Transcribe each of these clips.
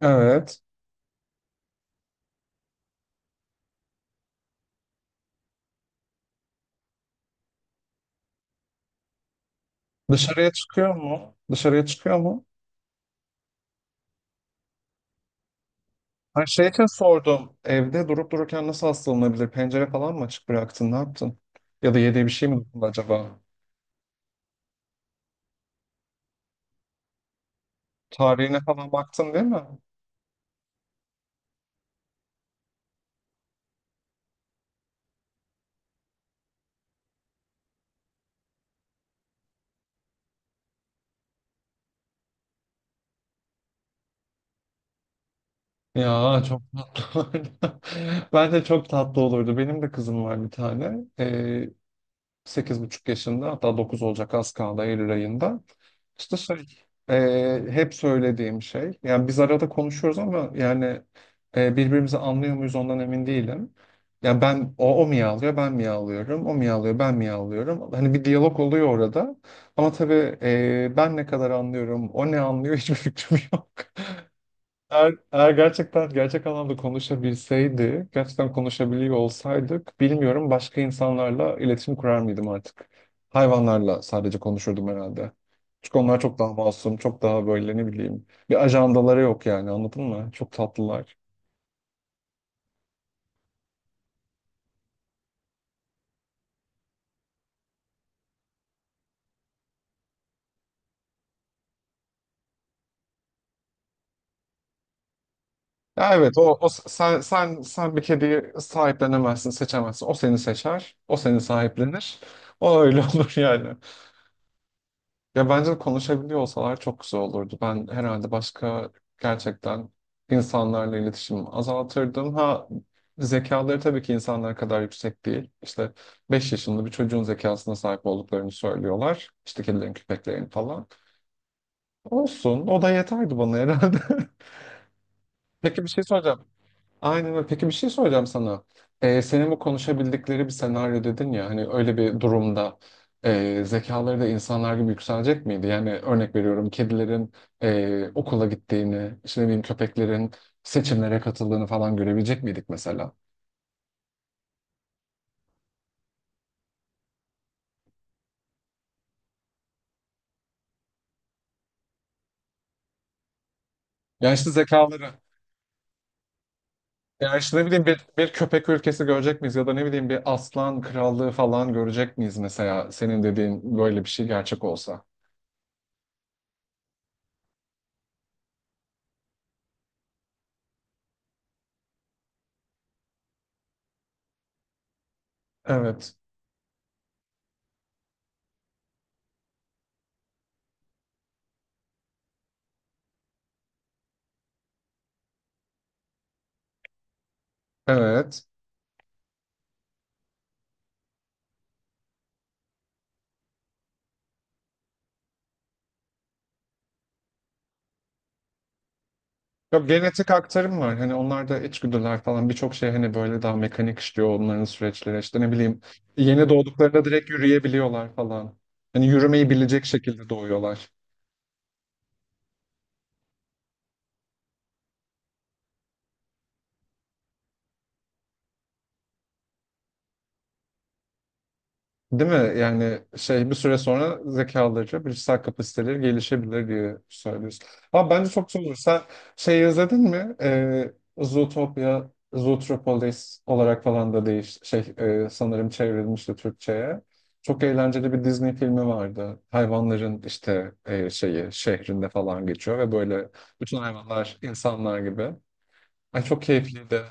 Evet. Dışarıya çıkıyor mu? Dışarıya çıkıyor mu? Her şey için sordum. Evde durup dururken nasıl hastalanabilir? Pencere falan mı açık bıraktın? Ne yaptın? Ya da yediği bir şey mi dokundu acaba? Tarihine falan baktın değil mi? Ya çok tatlı olurdu. Bence çok tatlı olurdu. Benim de kızım var bir tane. 8,5 yaşında, hatta 9 olacak, az kaldı, Eylül ayında. İşte şey hep söylediğim şey, yani biz arada konuşuyoruz ama yani birbirimizi anlıyor muyuz ondan emin değilim. Yani ben o miyavlıyor ben miyavlıyorum, o miyavlıyor ben miyavlıyorum. Hani bir diyalog oluyor orada, ama tabii ben ne kadar anlıyorum, o ne anlıyor, hiçbir fikrim yok. Eğer gerçekten gerçek anlamda konuşabilseydi, gerçekten konuşabiliyor olsaydık, bilmiyorum, başka insanlarla iletişim kurar mıydım artık? Hayvanlarla sadece konuşurdum herhalde. Çünkü onlar çok daha masum, çok daha böyle, ne bileyim, bir ajandaları yok, yani anladın mı? Çok tatlılar. Ya evet, o sen bir kediyi sahiplenemezsin, seçemezsin. O seni seçer, o seni sahiplenir. O öyle olur yani. Ya bence de konuşabiliyor olsalar çok güzel olurdu. Ben herhalde başka, gerçekten, insanlarla iletişimimi azaltırdım. Ha, zekaları tabii ki insanlar kadar yüksek değil. İşte 5 yaşında bir çocuğun zekasına sahip olduklarını söylüyorlar. İşte kedilerin, köpeklerin falan. Olsun, o da yeterdi bana herhalde. Peki bir şey soracağım. Aynen öyle. Peki bir şey soracağım sana. Senin bu konuşabildikleri bir senaryo dedin ya, hani öyle bir durumda zekaları da insanlar gibi yükselecek miydi? Yani örnek veriyorum, kedilerin okula gittiğini, işte ne bileyim, köpeklerin seçimlere katıldığını falan görebilecek miydik mesela? Yani işte zekaları. Yani işte ne bileyim bir köpek ülkesi görecek miyiz, ya da ne bileyim bir aslan krallığı falan görecek miyiz mesela, senin dediğin böyle bir şey gerçek olsa? Evet, evet. Yok, genetik aktarım var. Hani onlarda içgüdüler falan, birçok şey hani böyle daha mekanik işliyor onların süreçleri. İşte ne bileyim, yeni doğduklarında direkt yürüyebiliyorlar falan. Hani yürümeyi bilecek şekilde doğuyorlar. Değil mi? Yani şey, bir süre sonra zekaları, bilişsel kapasiteleri gelişebilir diye söylüyorsun. Ama bence çok güzel olur. Sen şey izledin mi? Zootopia, Zootropolis olarak falan da değiş şey sanırım çevrilmişti Türkçe'ye. Çok eğlenceli bir Disney filmi vardı. Hayvanların işte şeyi şehrinde falan geçiyor ve böyle bütün hayvanlar insanlar gibi. Ay çok keyifliydi.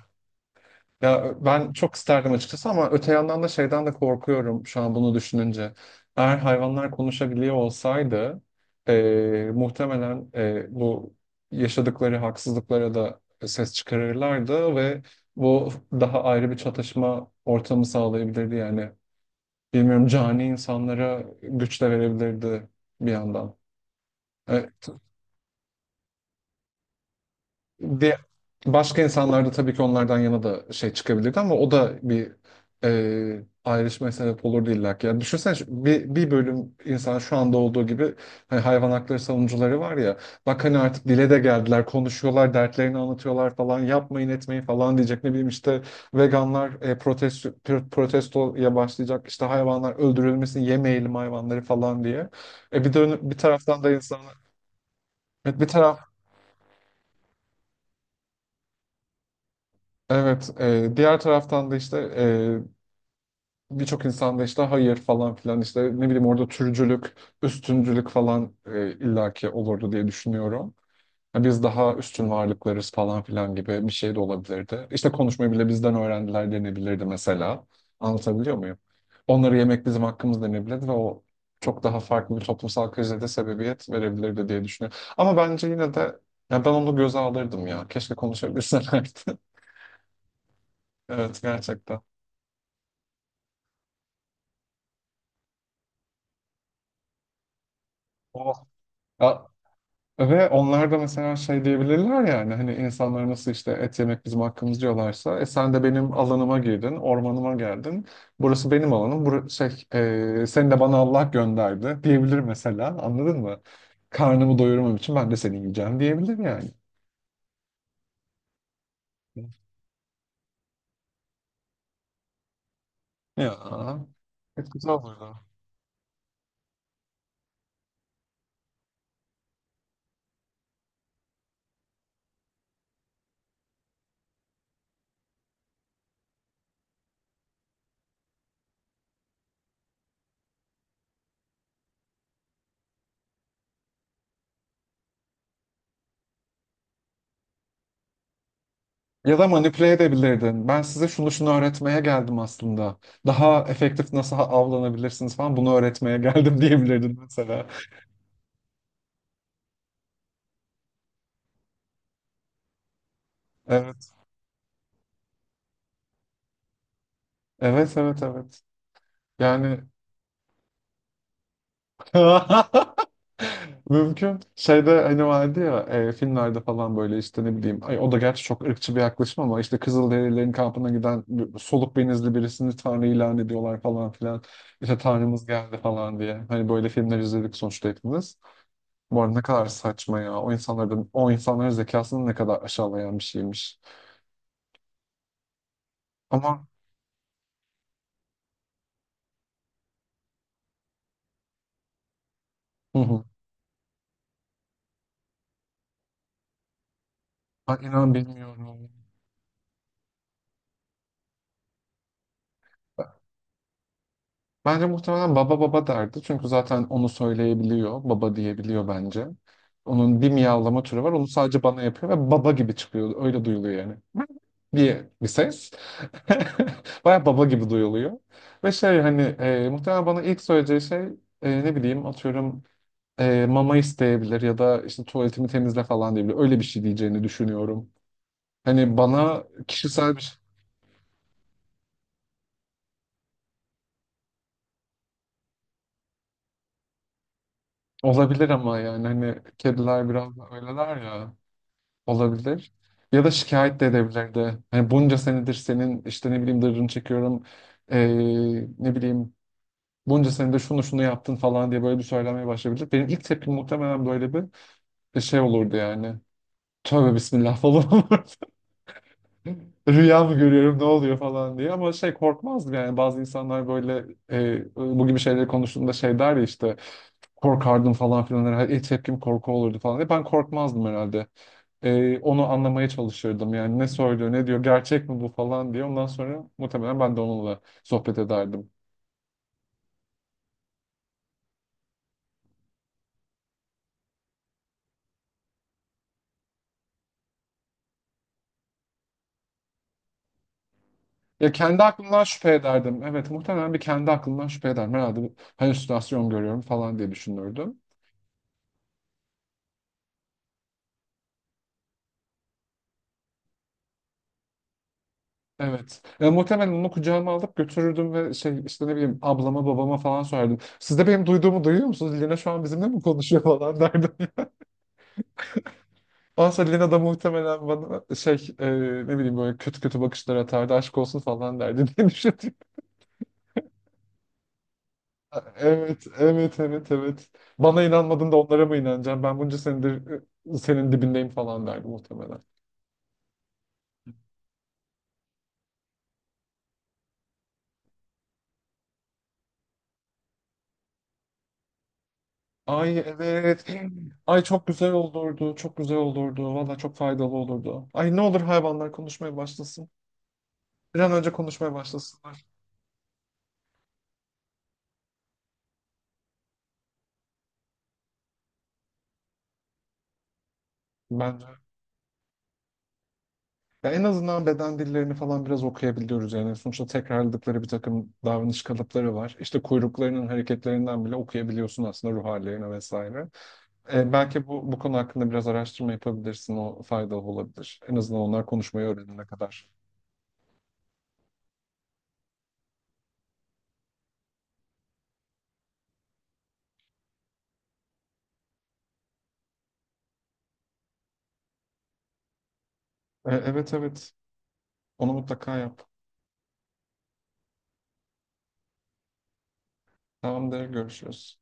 Ya ben çok isterdim açıkçası, ama öte yandan da şeyden de korkuyorum şu an bunu düşününce. Eğer hayvanlar konuşabiliyor olsaydı, muhtemelen bu yaşadıkları haksızlıklara da ses çıkarırlardı ve bu daha ayrı bir çatışma ortamı sağlayabilirdi yani. Bilmiyorum, cani insanlara güç de verebilirdi bir yandan. Evet. Ve başka insanlar da tabii ki onlardan yana da şey çıkabilirdi, ama o da bir ayrışmaya sebep olurdu illa ki. Yani düşünsene, bir bölüm insan, şu anda olduğu gibi, hani hayvan hakları savunucuları var ya, bak hani artık dile de geldiler, konuşuyorlar, dertlerini anlatıyorlar falan, yapmayın etmeyin falan diyecek, ne bileyim işte veganlar protestoya başlayacak işte, hayvanlar öldürülmesin, yemeyelim hayvanları falan diye. E bir de bir taraftan da insanlar. Evet, bir taraftan. Evet, diğer taraftan da işte birçok insan da işte hayır falan filan, işte ne bileyim, orada türcülük, üstüncülük falan illaki olurdu diye düşünüyorum. Ya biz daha üstün varlıklarız falan filan gibi bir şey de olabilirdi. İşte konuşmayı bile bizden öğrendiler denebilirdi mesela. Anlatabiliyor muyum? Onları yemek bizim hakkımız denebilirdi ve o çok daha farklı bir toplumsal krize de sebebiyet verebilirdi diye düşünüyorum. Ama bence yine de, ya ben onu göze alırdım ya. Keşke konuşabilselerdi. Evet gerçekten. Ya, ve onlar da mesela şey diyebilirler, yani hani, hani insanlar nasıl işte et yemek bizim hakkımız diyorlarsa, e sen de benim alanıma girdin, ormanıma geldin. Burası benim alanım. Bur şey seni de bana Allah gönderdi diyebilir mesela. Anladın mı? Karnımı doyurmam için ben de seni yiyeceğim diyebilir yani. Ya. Evet, güzel olurdu. Ya da manipüle edebilirdin. Ben size şunu şunu öğretmeye geldim aslında. Daha efektif nasıl avlanabilirsiniz falan, bunu öğretmeye geldim diyebilirdin mesela. Evet. Evet, evet, evet. Yani mümkün. Şeyde hani vardı ya, filmlerde falan böyle, işte ne bileyim. Ay, o da gerçi çok ırkçı bir yaklaşım, ama işte Kızılderililerin kampına giden soluk benizli birisini Tanrı ilan ediyorlar falan filan. İşte Tanrımız geldi falan diye. Hani böyle filmler izledik sonuçta hepimiz. Bu arada ne kadar saçma ya. O insanların, o insanların zekasını ne kadar aşağılayan bir şeymiş. Ama hı hı. Ay, inan bilmiyorum. Bence muhtemelen baba baba derdi. Çünkü zaten onu söyleyebiliyor. Baba diyebiliyor bence. Onun bir miyavlama türü var. Onu sadece bana yapıyor ve baba gibi çıkıyor. Öyle duyuluyor yani. Diye bir ses. Baya baba gibi duyuluyor. Ve şey hani muhtemelen bana ilk söyleyeceği şey ne bileyim atıyorum mama isteyebilir, ya da işte tuvaletimi temizle falan diyebilir. Öyle bir şey diyeceğini düşünüyorum. Hani bana kişisel bir şey olabilir, ama yani hani kediler biraz da öyleler ya. Olabilir. Ya da şikayet de edebilirdi. Hani bunca senedir senin işte ne bileyim dırrını çekiyorum. Ne bileyim, bunca senedir şunu şunu yaptın falan diye böyle bir söylemeye başlayabilir. Benim ilk tepkim muhtemelen böyle bir şey olurdu yani. Tövbe bismillah falan olurdu. Rüya mı görüyorum, ne oluyor falan diye. Ama şey, korkmazdım yani. Bazı insanlar böyle bu gibi şeyleri konuştuğunda şey der ya, işte korkardım falan filan, İlk tepkim korku olurdu falan diye. Ben korkmazdım herhalde. Onu anlamaya çalışırdım. Yani ne söylüyor, ne diyor, gerçek mi bu falan diye. Ondan sonra muhtemelen ben de onunla sohbet ederdim. Ya kendi aklımdan şüphe ederdim. Evet, muhtemelen bir kendi aklımdan şüphe ederdim. Herhalde bir halüsinasyon görüyorum falan diye düşünürdüm. Evet. Muhtemelen onu kucağıma alıp götürürdüm ve şey işte ne bileyim ablama babama falan sorardım. Siz de benim duyduğumu duyuyor musunuz? Lina şu an bizimle mi konuşuyor falan derdim. Ondan sonra Lina da muhtemelen bana şey ne bileyim böyle kötü kötü bakışlar atardı. Aşk olsun falan derdi diye düşünüyorum. Evet, evet, evet, evet. Bana inanmadın da onlara mı inanacağım? Ben bunca senedir senin dibindeyim falan derdi muhtemelen. Ay evet. Ay çok güzel olurdu. Çok güzel olurdu. Valla çok faydalı olurdu. Ay ne olur hayvanlar konuşmaya başlasın. Bir an önce konuşmaya başlasınlar. Bence. Ya en azından beden dillerini falan biraz okuyabiliyoruz yani. Sonuçta tekrarladıkları bir takım davranış kalıpları var. İşte kuyruklarının hareketlerinden bile okuyabiliyorsun aslında ruh hallerini vesaire. Belki bu konu hakkında biraz araştırma yapabilirsin. O faydalı olabilir. En azından onlar konuşmayı öğrenene kadar. Evet evet. Onu mutlaka yap. Tamamdır. Görüşürüz.